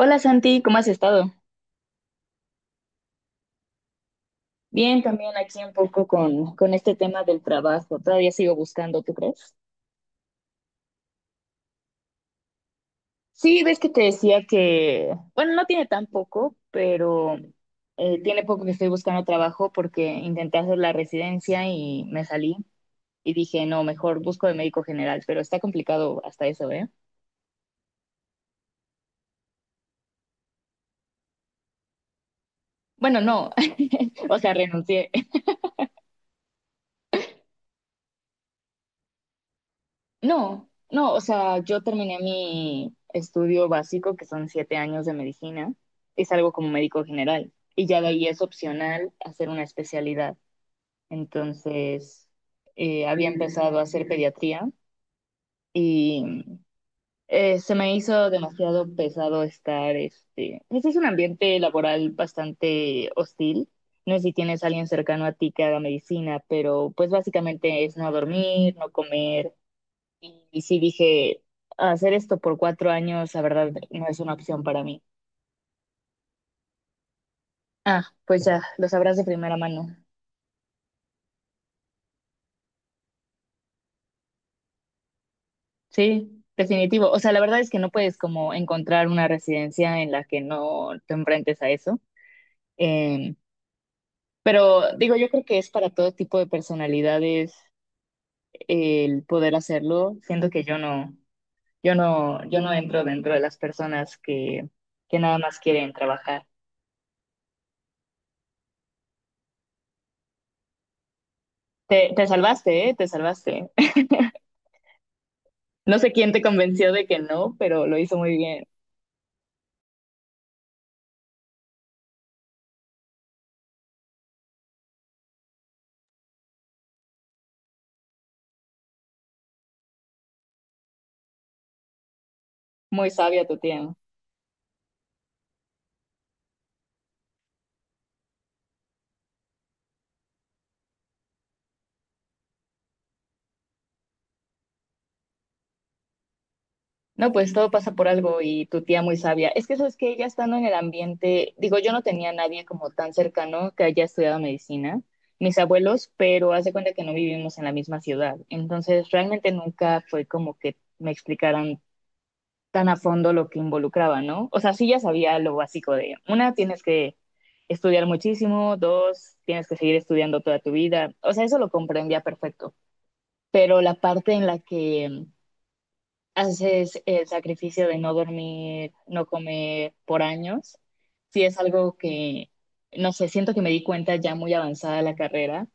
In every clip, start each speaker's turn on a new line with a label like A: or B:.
A: Hola Santi, ¿cómo has estado? Bien, también aquí un poco con este tema del trabajo. Todavía sigo buscando, ¿tú crees? Sí, ves que te decía que, bueno, no tiene tan poco, pero tiene poco que estoy buscando trabajo porque intenté hacer la residencia y me salí y dije, no, mejor busco de médico general, pero está complicado hasta eso, ¿eh? Bueno, no, o sea, renuncié. No, no, o sea, yo terminé mi estudio básico, que son 7 años de medicina, es algo como médico general, y ya de ahí es opcional hacer una especialidad. Entonces, había empezado a hacer pediatría y se me hizo demasiado pesado pues es un ambiente laboral bastante hostil. No sé si tienes a alguien cercano a ti que haga medicina, pero pues básicamente es no dormir, no comer y sí dije, hacer esto por 4 años, la verdad, no es una opción para mí. Ah, pues ya, lo sabrás de primera mano. Sí, definitivo. O sea, la verdad es que no puedes como encontrar una residencia en la que no te enfrentes a eso. Em, pero digo, yo creo que es para todo tipo de personalidades el poder hacerlo, siendo que yo no entro dentro de las personas que nada más quieren trabajar. Te salvaste, ¿eh? Te salvaste. No sé quién te convenció de que no, pero lo hizo muy bien. Muy sabia tu tía. No, pues todo pasa por algo y tu tía muy sabia. Es que eso es que ella estando en el ambiente, digo, yo no tenía nadie como tan cercano que haya estudiado medicina, mis abuelos, pero hace cuenta que no vivimos en la misma ciudad. Entonces, realmente nunca fue como que me explicaran tan a fondo lo que involucraba, ¿no? O sea, sí ya sabía lo básico de, una, tienes que estudiar muchísimo, dos, tienes que seguir estudiando toda tu vida. O sea, eso lo comprendía perfecto, pero la parte en la que haces el sacrificio de no dormir, no comer por años, sí es algo que, no sé, siento que me di cuenta ya muy avanzada la carrera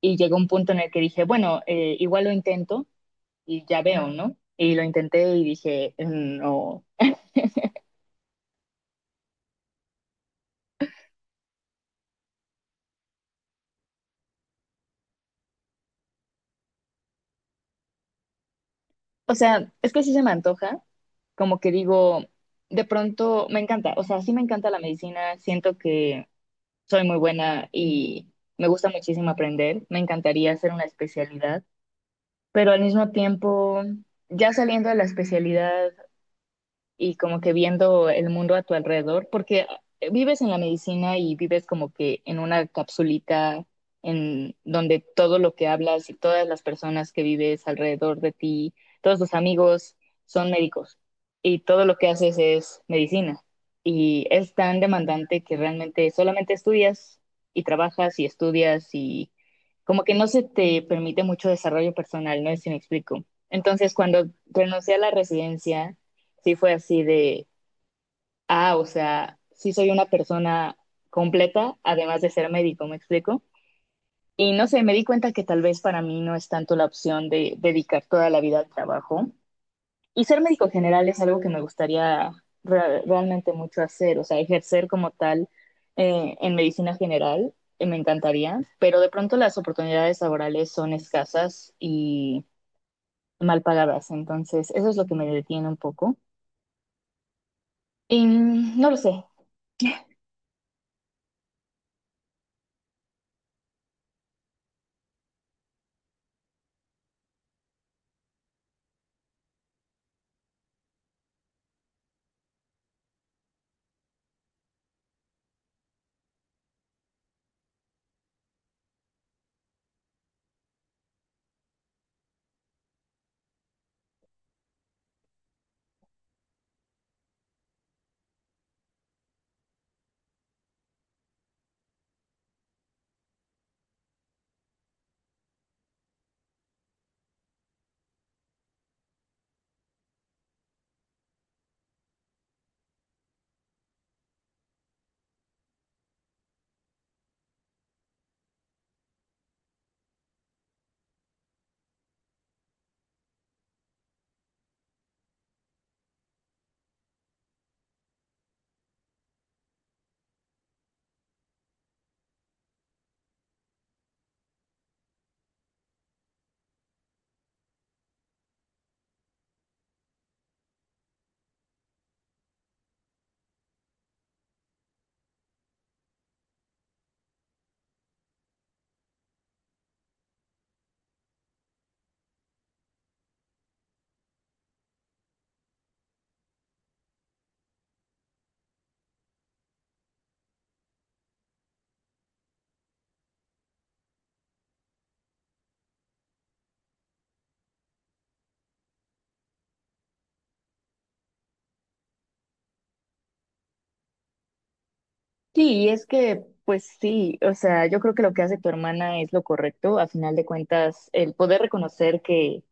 A: y llegó un punto en el que dije, bueno, igual lo intento y ya veo, ¿no? Y lo intenté y dije, no, o sea, es que sí se me antoja, como que digo, de pronto me encanta, o sea, sí me encanta la medicina, siento que soy muy buena y me gusta muchísimo aprender. Me encantaría hacer una especialidad, pero al mismo tiempo, ya saliendo de la especialidad, y como que viendo el mundo a tu alrededor, porque vives en la medicina y vives como que en una capsulita en donde todo lo que hablas y todas las personas que vives alrededor de ti, todos tus amigos son médicos y todo lo que haces es medicina. Y es tan demandante que realmente solamente estudias y trabajas y estudias y como que no se te permite mucho desarrollo personal, no sé si me explico. Entonces, cuando renuncié a la residencia, sí fue así de, ah, o sea, sí soy una persona completa, además de ser médico, ¿me explico? Y no sé, me di cuenta que tal vez para mí no es tanto la opción de dedicar toda la vida al trabajo. Y ser médico general es algo que me gustaría realmente mucho hacer, o sea, ejercer como tal en medicina general. Me encantaría, pero de pronto las oportunidades laborales son escasas y mal pagadas, entonces eso es lo que me detiene un poco. Y mm, no lo sé. Sí, es que, pues sí, o sea, yo creo que lo que hace tu hermana es lo correcto. A final de cuentas, el poder reconocer que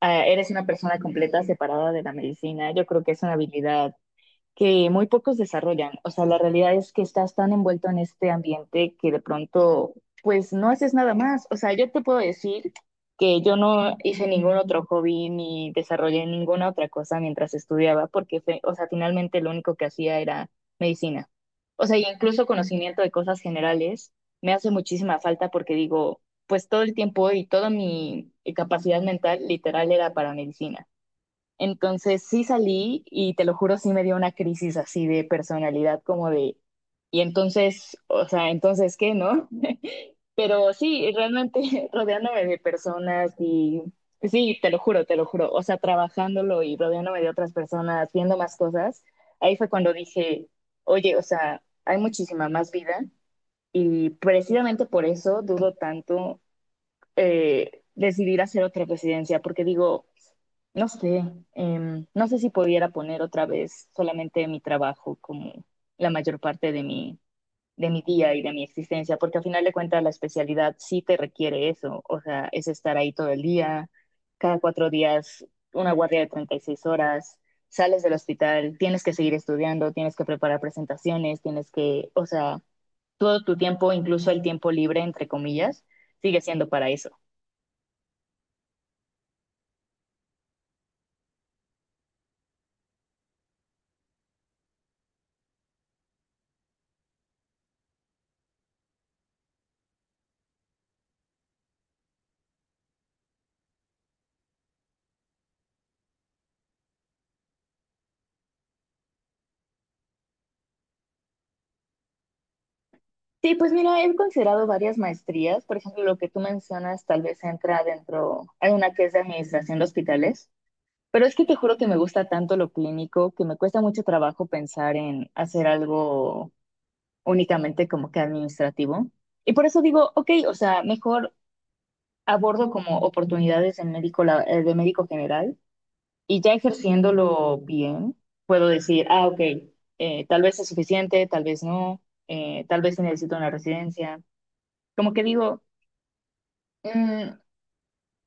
A: ah, eres una persona completa separada de la medicina, yo creo que es una habilidad que muy pocos desarrollan. O sea, la realidad es que estás tan envuelto en este ambiente que de pronto, pues no haces nada más. O sea, yo te puedo decir que yo no hice ningún otro hobby ni desarrollé ninguna otra cosa mientras estudiaba, porque, o sea, finalmente lo único que hacía era medicina. O sea, y incluso conocimiento de cosas generales me hace muchísima falta porque digo, pues todo el tiempo y toda mi capacidad mental literal era para medicina. Entonces sí salí y te lo juro, sí me dio una crisis así de personalidad, como de, y entonces, o sea, entonces qué, ¿no? Pero sí, realmente rodeándome de personas y pues sí, te lo juro, o sea, trabajándolo y rodeándome de otras personas, viendo más cosas, ahí fue cuando dije, oye, o sea, hay muchísima más vida y precisamente por eso dudo tanto decidir hacer otra residencia, porque digo, no sé, no sé si pudiera poner otra vez solamente mi trabajo como la mayor parte de mi día y de mi existencia, porque al final de cuentas la especialidad sí te requiere eso, o sea, es estar ahí todo el día, cada 4 días, una guardia de 36 horas, sales del hospital, tienes que seguir estudiando, tienes que preparar presentaciones, tienes que, o sea, todo tu tiempo, incluso el tiempo libre, entre comillas, sigue siendo para eso. Sí, pues mira, he considerado varias maestrías. Por ejemplo, lo que tú mencionas tal vez entra dentro, hay una que es de administración de hospitales, pero es que te juro que me gusta tanto lo clínico que me cuesta mucho trabajo pensar en hacer algo únicamente como que administrativo. Y por eso digo, ok, o sea, mejor abordo como oportunidades de médico, de médico general y ya ejerciéndolo bien, puedo decir, ah, ok, tal vez es suficiente, tal vez no, tal vez sí necesito una residencia. Como que digo... Mm,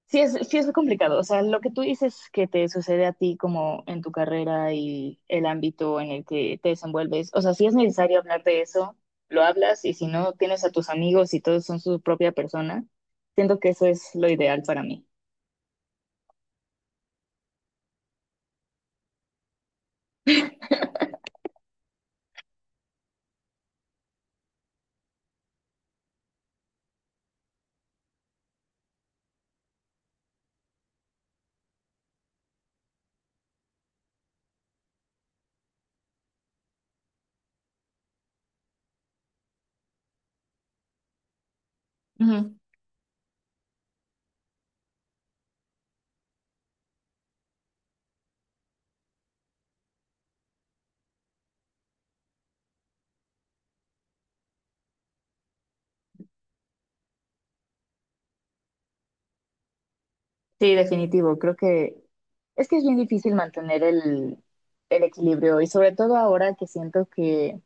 A: sí es, complicado. O sea, lo que tú dices que te sucede a ti como en tu carrera y el ámbito en el que te desenvuelves. O sea, si es necesario hablar de eso, lo hablas y si no, tienes a tus amigos y todos son su propia persona. Siento que eso es lo ideal para mí. Ujú. Sí, definitivo. Creo que es bien difícil mantener el equilibrio y sobre todo ahora que siento que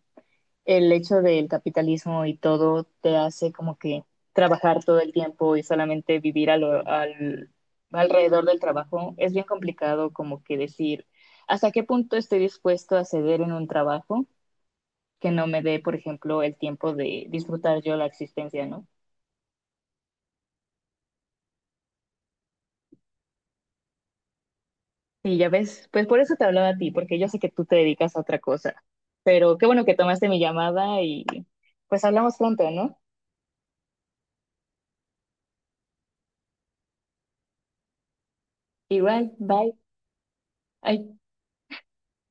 A: el hecho del capitalismo y todo te hace como que trabajar todo el tiempo y solamente vivir alrededor del trabajo, es bien complicado como que decir hasta qué punto estoy dispuesto a ceder en un trabajo que no me dé, por ejemplo, el tiempo de disfrutar yo la existencia, ¿no? Y ya ves, pues por eso te hablaba a ti, porque yo sé que tú te dedicas a otra cosa, pero qué bueno que tomaste mi llamada y pues hablamos pronto, ¿no? Igual, bye. Ay.